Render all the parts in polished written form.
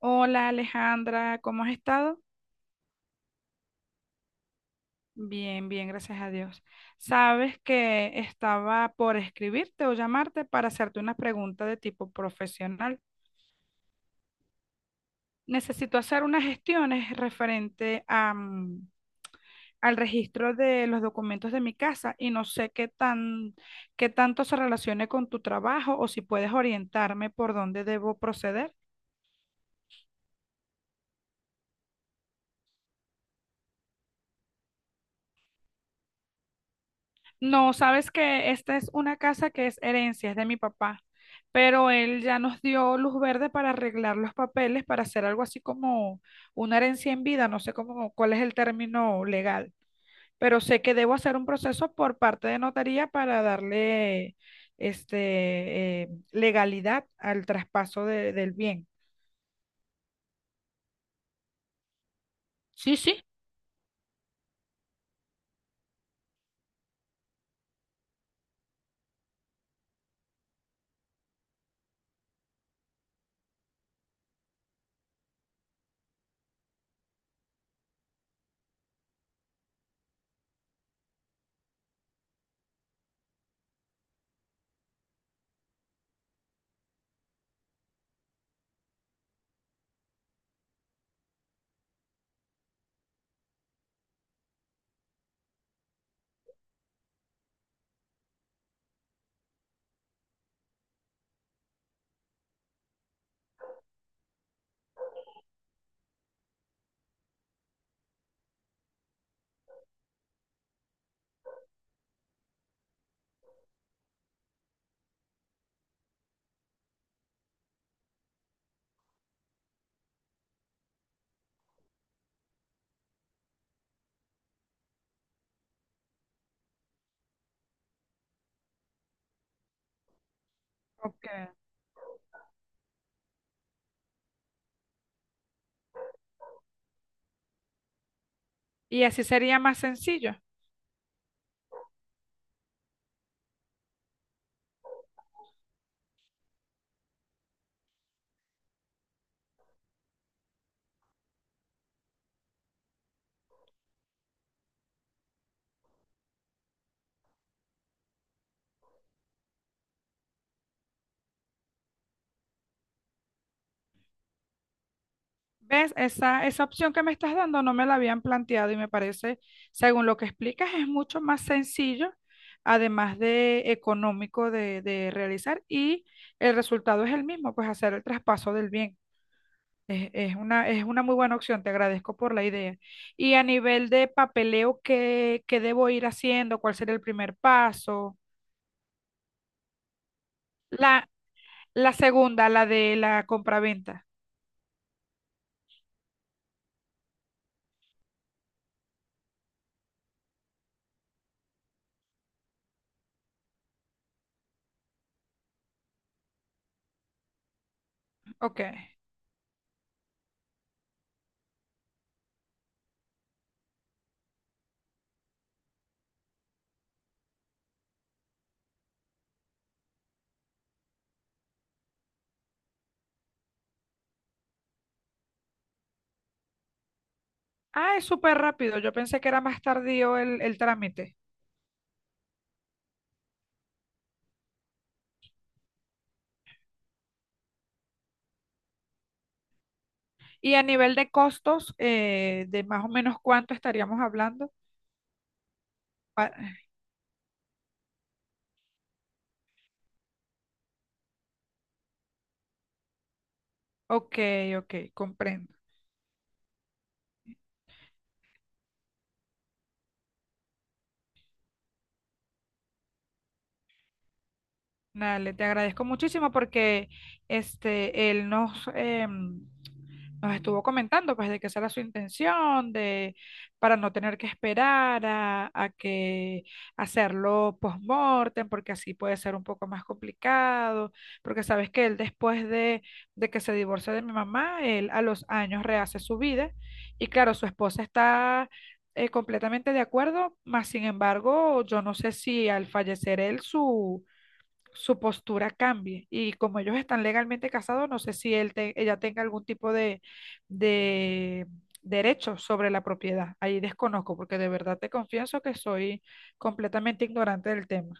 Hola Alejandra, ¿cómo has estado? Bien, bien, gracias a Dios. Sabes que estaba por escribirte o llamarte para hacerte una pregunta de tipo profesional. Necesito hacer unas gestiones referente a al registro de los documentos de mi casa y no sé qué qué tanto se relacione con tu trabajo o si puedes orientarme por dónde debo proceder. No, sabes que esta es una casa que es herencia, es de mi papá, pero él ya nos dio luz verde para arreglar los papeles, para hacer algo así como una herencia en vida, no sé cómo, cuál es el término legal, pero sé que debo hacer un proceso por parte de notaría para darle legalidad al traspaso del bien. Sí, sí. Ok. Y así sería más sencillo. ¿Ves? Esa opción que me estás dando no me la habían planteado y me parece, según lo que explicas, es mucho más sencillo, además de económico de realizar y el resultado es el mismo, pues hacer el traspaso del bien. Es una muy buena opción, te agradezco por la idea. Y a nivel de papeleo, ¿qué debo ir haciendo? ¿Cuál sería el primer paso? La, la segunda, la de la compraventa. Ok. Ah, es súper rápido. Yo pensé que era más tardío el trámite. Y a nivel de costos, de más o menos cuánto estaríamos hablando. Ah, ok, ok, comprendo. Dale, te agradezco muchísimo porque este, él nos, em, nos estuvo comentando pues de que esa era su intención, de para no tener que esperar a que hacerlo post-mortem, porque así puede ser un poco más complicado, porque sabes que él después de que se divorcia de mi mamá, él a los años rehace su vida y claro, su esposa está completamente de acuerdo, mas sin embargo, yo no sé si al fallecer él su postura cambie. Y como ellos están legalmente casados, no sé si ella tenga algún tipo de derecho sobre la propiedad. Ahí desconozco, porque de verdad te confieso que soy completamente ignorante del tema.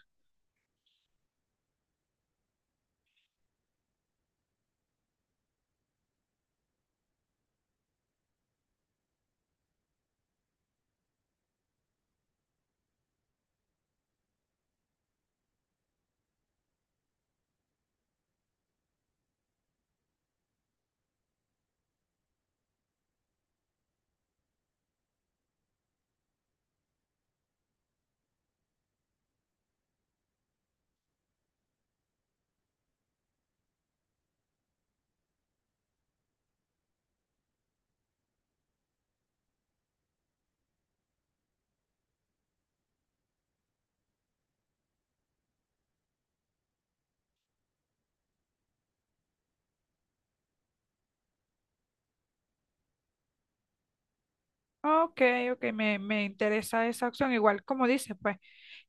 Ok, ok, me interesa esa opción. Igual como dices, pues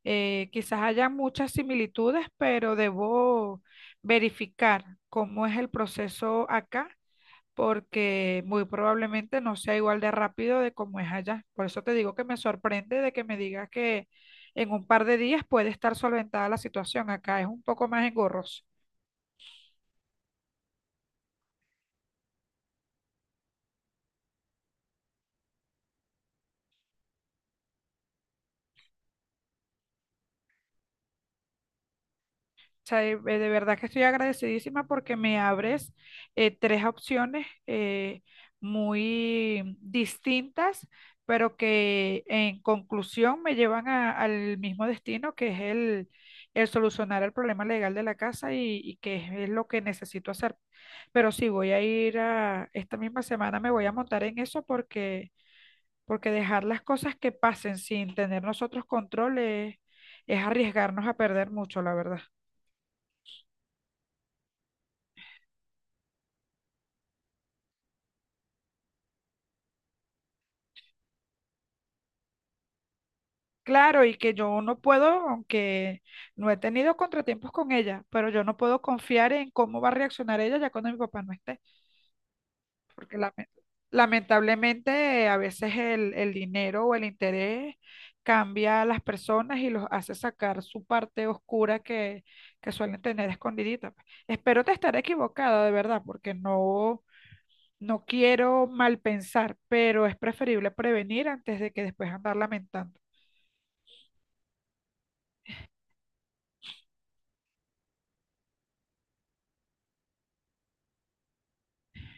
quizás haya muchas similitudes, pero debo verificar cómo es el proceso acá porque muy probablemente no sea igual de rápido de como es allá. Por eso te digo que me sorprende de que me digas que en un par de días puede estar solventada la situación. Acá es un poco más engorroso. Sea, de verdad que estoy agradecidísima porque me abres tres opciones muy distintas, pero que en conclusión me llevan al mismo destino, que es el solucionar el problema legal de la casa y que es lo que necesito hacer. Pero sí, voy a ir a, esta misma semana me voy a montar en eso, porque porque dejar las cosas que pasen sin tener nosotros control es arriesgarnos a perder mucho, la verdad. Claro, y que yo no puedo, aunque no he tenido contratiempos con ella, pero yo no puedo confiar en cómo va a reaccionar ella ya cuando mi papá no esté, porque lamentablemente a veces el dinero o el interés cambia a las personas y los hace sacar su parte oscura que suelen tener escondidita. Pues espero te estar equivocada, de verdad, porque no, no quiero mal pensar, pero es preferible prevenir antes de que después andar lamentando.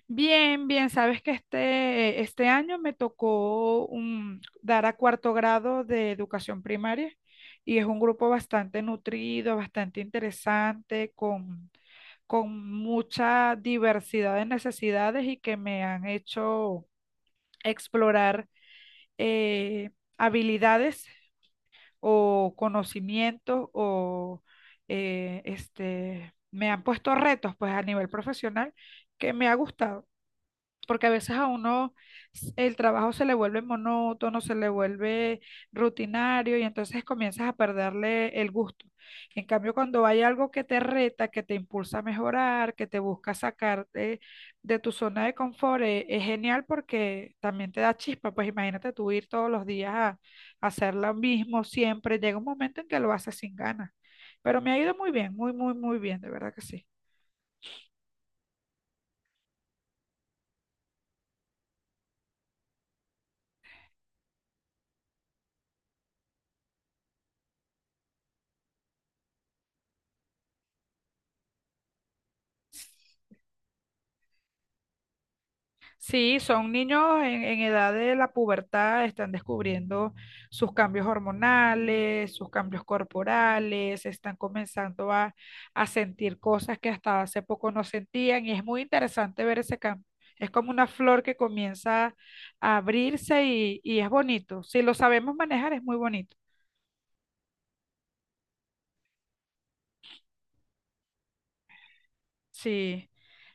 Bien, bien, sabes que este año me tocó dar a cuarto grado de educación primaria y es un grupo bastante nutrido, bastante interesante, con mucha diversidad de necesidades y que me han hecho explorar eh, habilidades o conocimientos me han puesto retos pues a nivel profesional que me ha gustado porque a veces a uno el trabajo se le vuelve monótono, se le vuelve rutinario y entonces comienzas a perderle el gusto. En cambio, cuando hay algo que te reta, que te impulsa a mejorar, que te busca sacarte de tu zona de confort, es genial porque también te da chispa. Pues imagínate tú ir todos los días a hacer lo mismo siempre. Llega un momento en que lo haces sin ganas. Pero me ha ido muy bien, muy, muy, muy bien, de verdad que sí. Sí, son niños en edad de la pubertad, están descubriendo sus cambios hormonales, sus cambios corporales, están comenzando a sentir cosas que hasta hace poco no sentían y es muy interesante ver ese cambio. Es como una flor que comienza a abrirse y es bonito. Si lo sabemos manejar, es muy bonito. Sí,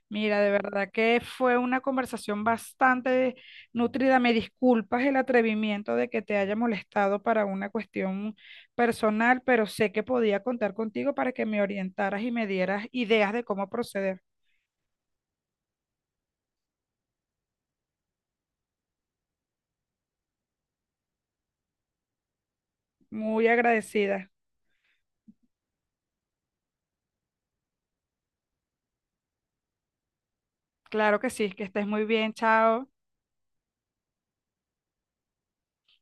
mira, de verdad que fue una conversación bastante nutrida. Me disculpas el atrevimiento de que te haya molestado para una cuestión personal, pero sé que podía contar contigo para que me orientaras y me dieras ideas de cómo proceder. Muy agradecida. Claro que sí, que estés muy bien, chao.